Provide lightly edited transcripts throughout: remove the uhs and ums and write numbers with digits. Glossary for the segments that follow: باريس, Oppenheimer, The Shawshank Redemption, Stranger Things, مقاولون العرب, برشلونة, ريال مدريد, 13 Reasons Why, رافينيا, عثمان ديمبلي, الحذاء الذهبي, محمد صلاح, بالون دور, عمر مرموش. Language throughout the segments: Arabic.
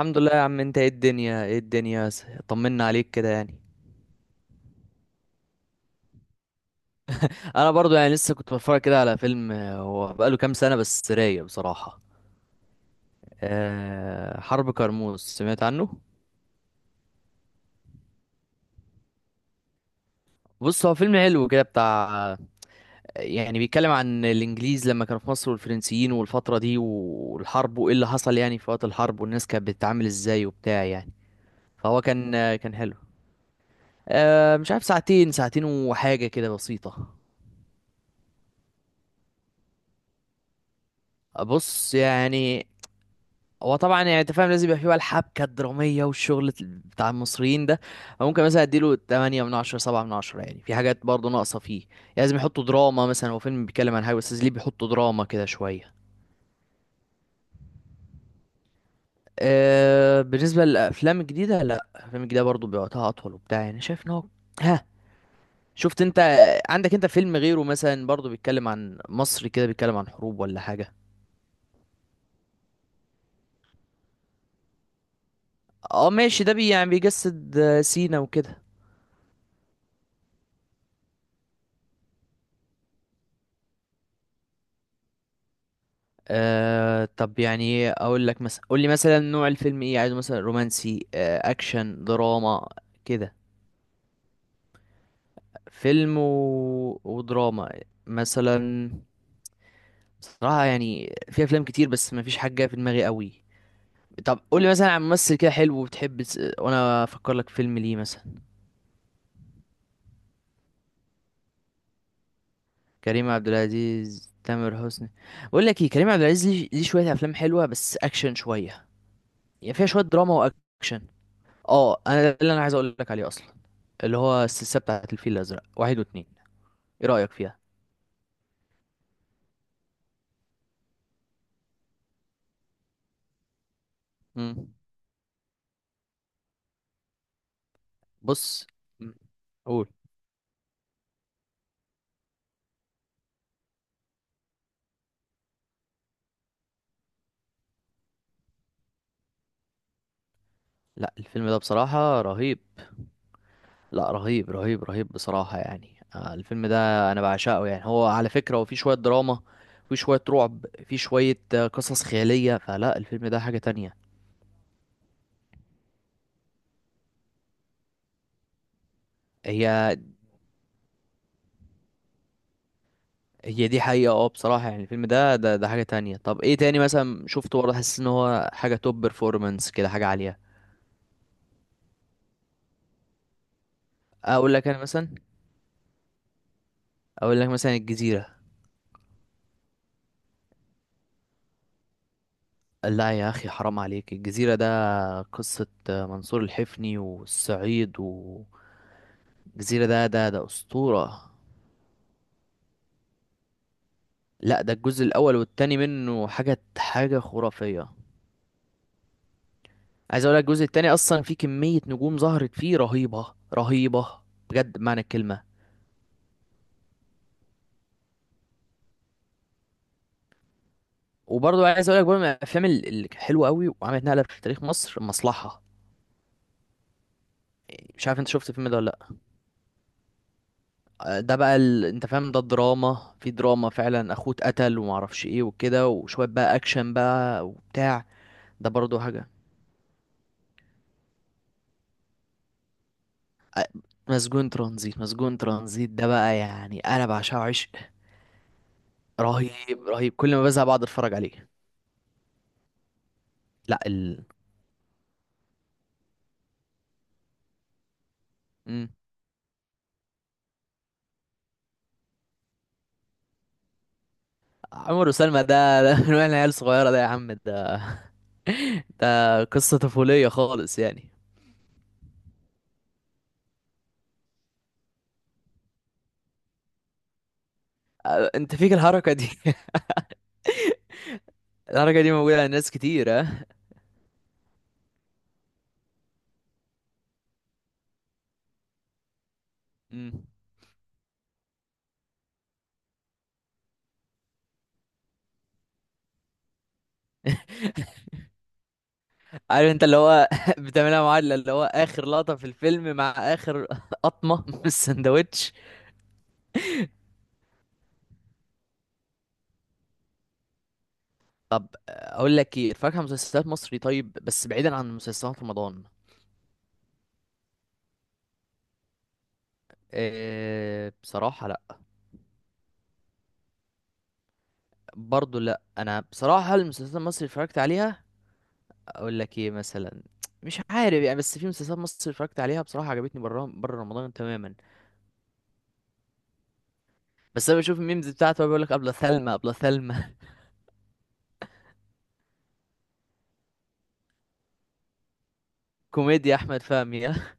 الحمد لله يا عم. انت ايه الدنيا ايه الدنيا، طمنا عليك كده انا برضو لسه كنت بتفرج كده على فيلم، هو بقاله كام سنة بس رايق بصراحة. أه، حرب كرموز، سمعت عنه؟ بص، هو فيلم حلو كده بتاع، يعني بيتكلم عن الانجليز لما كانوا في مصر والفرنسيين والفترة دي والحرب، وايه اللي حصل يعني في وقت الحرب والناس كانت بتتعامل ازاي وبتاع يعني. فهو كان، كان حلو. أه مش عارف، ساعتين وحاجة كده بسيطة. بص يعني، هو طبعا يعني انت فاهم، لازم يبقى فيه بقى الحبكه الدراميه والشغل بتاع المصريين ده. ممكن مثلا اديله 8 من 10، 7 من 10، يعني في حاجات برضه ناقصه فيه يعني. لازم يحطوا دراما، مثلا هو فيلم بيتكلم عن حاجه بس لازم ليه بيحطوا دراما كده شويه. أه، بالنسبه للافلام الجديده، لا الافلام الجديده برضه بوقتها اطول وبتاع، يعني شايف ان هو. ها، شفت انت عندك انت فيلم غيره مثلا برضه بيتكلم عن مصر كده، بيتكلم عن حروب ولا حاجه؟ اه ماشي، ده بي يعني بيجسد سينا وكده. أه، طب يعني اقول لك مثلا، قول لي مثلا نوع الفيلم ايه، عايزه مثلا رومانسي، أه اكشن، دراما كده؟ فيلم و... ودراما مثلا. صراحة يعني في افلام كتير بس ما فيش حاجة جاية في دماغي قوي. طب قول لي مثلا عن ممثل كده حلو وبتحب وانا افكر لك فيلم ليه مثلا. كريم عبد العزيز، تامر حسني. بقول لك ايه، كريم عبد العزيز ليه، ليه شوية افلام حلوة بس اكشن شوية، يعني فيها شوية دراما واكشن. اه، انا ده اللي انا عايز اقول لك عليه اصلا، اللي هو السلسلة بتاعت الفيل الأزرق، واحد واتنين. ايه رأيك فيها؟ مم. بص. مم. قول. لا الفيلم ده بصراحة رهيب. لا رهيب رهيب رهيب، بصراحة يعني، الفيلم ده أنا بعشقه يعني. هو على فكرة هو فيه شوية دراما، فيه شوية رعب، فيه شوية قصص خيالية. فلا الفيلم ده حاجة تانية. هي هي دي حقيقة. اه بصراحة يعني الفيلم ده حاجة تانية. طب ايه تاني مثلا شفته برضه حاسس ان هو حاجة توب بيرفورمانس كده، حاجة عالية؟ اقول لك انا مثلا، اقول لك مثلا الجزيرة. لا يا أخي، حرام عليك! الجزيرة ده قصة منصور الحفني والصعيد والجزيرة. ده أسطورة. لا، ده الجزء الأول والتاني منه حاجة خرافية. عايز أقول لك، الجزء التاني أصلا فيه كمية نجوم ظهرت فيه رهيبة رهيبة، بجد بمعنى الكلمة. وبرضه عايز أقول لك برضه من الأفلام الحلوة أوي، وعملت نقلة في تاريخ مصر، المصلحة. مش عارف أنت شفت الفيلم ده ولا لأ؟ ده بقى انت فاهم، ده الدراما في دراما فعلا، اخوه اتقتل ومعرفش ايه وكده، وشوية بقى اكشن بقى وبتاع. ده برضو حاجة. مسجون ترانزيت، ده بقى يعني انا بعشقه عشق. رهيب رهيب، كل ما بزهق بقعد اتفرج عليه. لا ال... مم. عمر وسلمى ده، ده من واحنا عيال صغيرة، ده يا عم ده، ده قصة طفولية خالص يعني. أه، انت فيك الحركة دي. الحركة دي موجودة عند ناس كتير، ها. مم. عارف انت اللي هو بتعملها معادلة، اللي هو اخر لقطة في الفيلم مع اخر قطمة من السندوتش. طب اقول لك ايه، اتفرج على مسلسلات مصري، طيب بس بعيدا عن مسلسلات رمضان. إيه بصراحة، لا. برضو لا، انا بصراحة المسلسلات المصري اللي اتفرجت عليها، اقول لك ايه مثلا، مش عارف يعني، بس في مسلسلات مصري اتفرجت عليها بصراحة عجبتني، بره بره رمضان تماما. بس انا بشوف الميمز بتاعته، بيقول لك ابله ثلمى، ابله ثلمى. كوميديا احمد فهمي. ها؟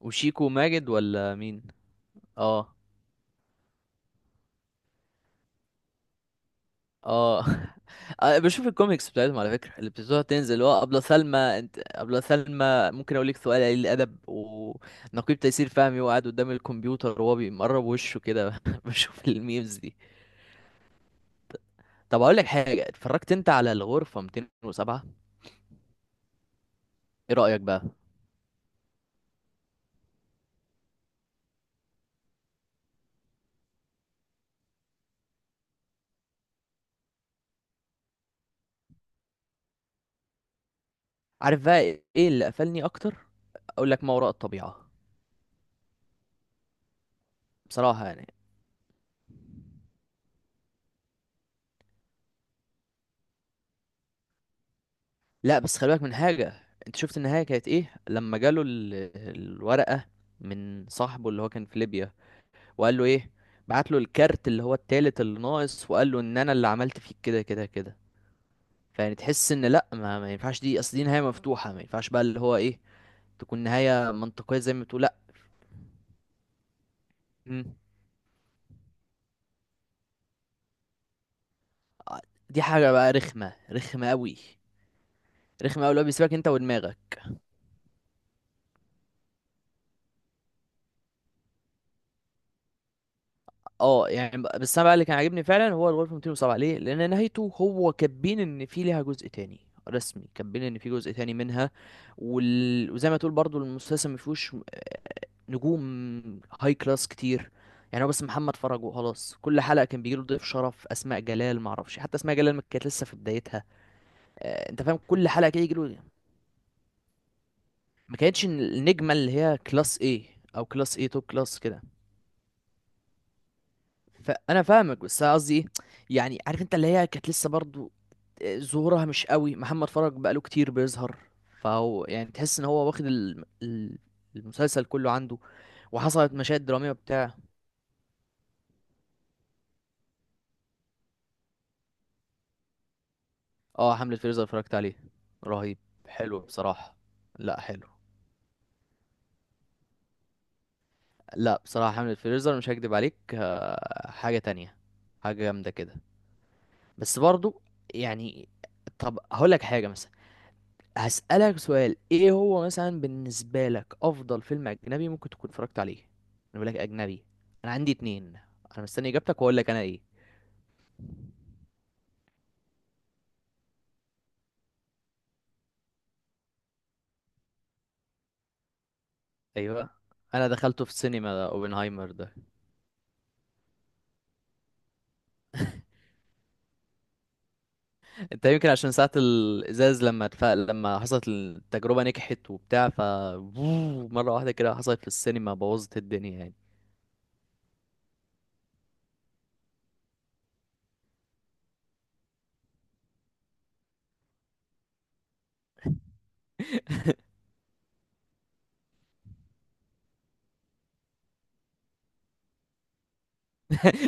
وشيكو، ماجد ولا مين؟ اه. اه. أنا بشوف الكوميكس بتاعتهم على فكرة، اللي بتبتدي تنزل اللي هو أبلة سلمى انت أبلة سلمى. ممكن أقول لك سؤال قليل الأدب، ونقيب تيسير فهمي وقاعد قدام الكمبيوتر وهو بيمرب وشه كده بشوف الميمز دي. طب أقول لك حاجة، اتفرجت أنت على الغرفة 207؟ إيه رأيك بقى؟ عارف بقى إيه اللي قفلني أكتر؟ أقول لك، ما وراء الطبيعة. بصراحة يعني. لا، بس خلي بالك من حاجة، أنت شفت النهاية كانت إيه لما جاله الورقة من صاحبه اللي هو كان في ليبيا، وقال له ايه؟ بعت له الكارت اللي هو التالت اللي ناقص، وقال له ان انا اللي عملت فيك كده كده كده. فيعني تحس ان لا، ما ينفعش، دي اصل دي نهايه مفتوحه، ما ينفعش بقى اللي هو ايه، تكون نهايه منطقيه زي ما بتقول، لا. مم. آه، دي حاجه بقى رخمه رخمه قوي. رخمه قوي، اللي هو بيسيبك انت ودماغك. اه يعني بس انا بقى اللي كان عاجبني فعلا هو الغرفه 207، ليه؟ لان نهايته هو كاتبين ان في ليها جزء تاني، رسمي كاتبين ان في جزء تاني منها. وزي ما تقول برضو المسلسل ما فيهوش، نجوم هاي كلاس كتير. يعني هو بس محمد فرج وخلاص، كل حلقه كان بيجيله ضيف شرف، اسماء جلال ما اعرفش، حتى اسماء جلال ما كانت لسه في بدايتها. انت فاهم، كل حلقه كده يجيله. ما كانتش النجمه اللي هي كلاس ايه، او كلاس ايه، توب كلاس كده. فانا فاهمك، بس أنا قصدي ايه، يعني عارف انت اللي هي كانت لسه برضو ظهورها مش قوي، محمد فرج بقاله كتير بيظهر. فهو يعني تحس ان هو واخد المسلسل كله عنده، وحصلت مشاهد درامية بتاع. اه، حملة فريزر اتفرجت عليه. رهيب. حلو بصراحة. لا حلو. لا بصراحة، حملة فريزر، مش هكدب عليك، حاجة تانية، حاجة جامدة كده. بس برضو يعني، طب هقول لك حاجة مثلا، هسألك سؤال، ايه هو مثلا بالنسبة لك افضل فيلم اجنبي ممكن تكون اتفرجت عليه؟ انا بقول لك اجنبي، انا عندي اتنين، انا مستني اجابتك واقول لك انا ايه. ايوه، انا دخلته في السينما ده اوبنهايمر ده. انت يمكن عشان ساعة الازاز، لما حصلت التجربة نجحت وبتاع، ف مرة واحدة كده حصلت في السينما بوظت الدنيا يعني.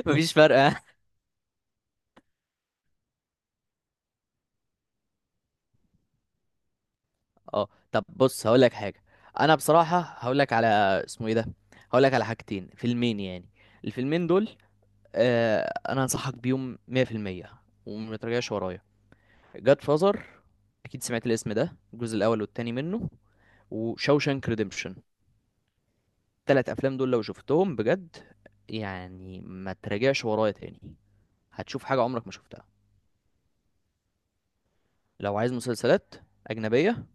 مفيش فرق، ها؟ اه، طب بص هقول لك حاجة، انا بصراحة هقول لك على، اسمه ايه ده، هقول لك على حاجتين، فيلمين يعني. الفيلمين دول، انا انصحك بيهم 100% وما ترجعش ورايا. جاد فازر، اكيد سمعت الاسم ده، الجزء الاول والتاني منه، وشوشانك ريديمشن. التلات افلام دول لو شفتهم بجد، يعني ما تراجعش ورايا تاني، هتشوف حاجه عمرك ما شفتها. لو عايز مسلسلات اجنبيه،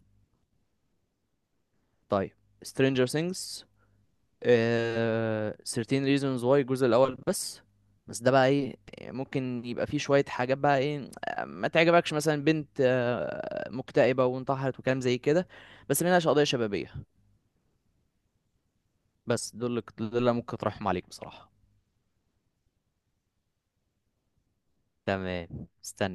طيب، سترينجر ثينجز، آه 13 reasons why الجزء الاول بس. بس ده بقى ايه، ممكن يبقى فيه شوية حاجات بقى ايه، ما تعجبكش مثلا، بنت مكتئبة وانتحرت وكلام زي كده. بس منها قضية شبابية. بس دول اللي ممكن اطرحهم عليك بصراحة. تمام استنى.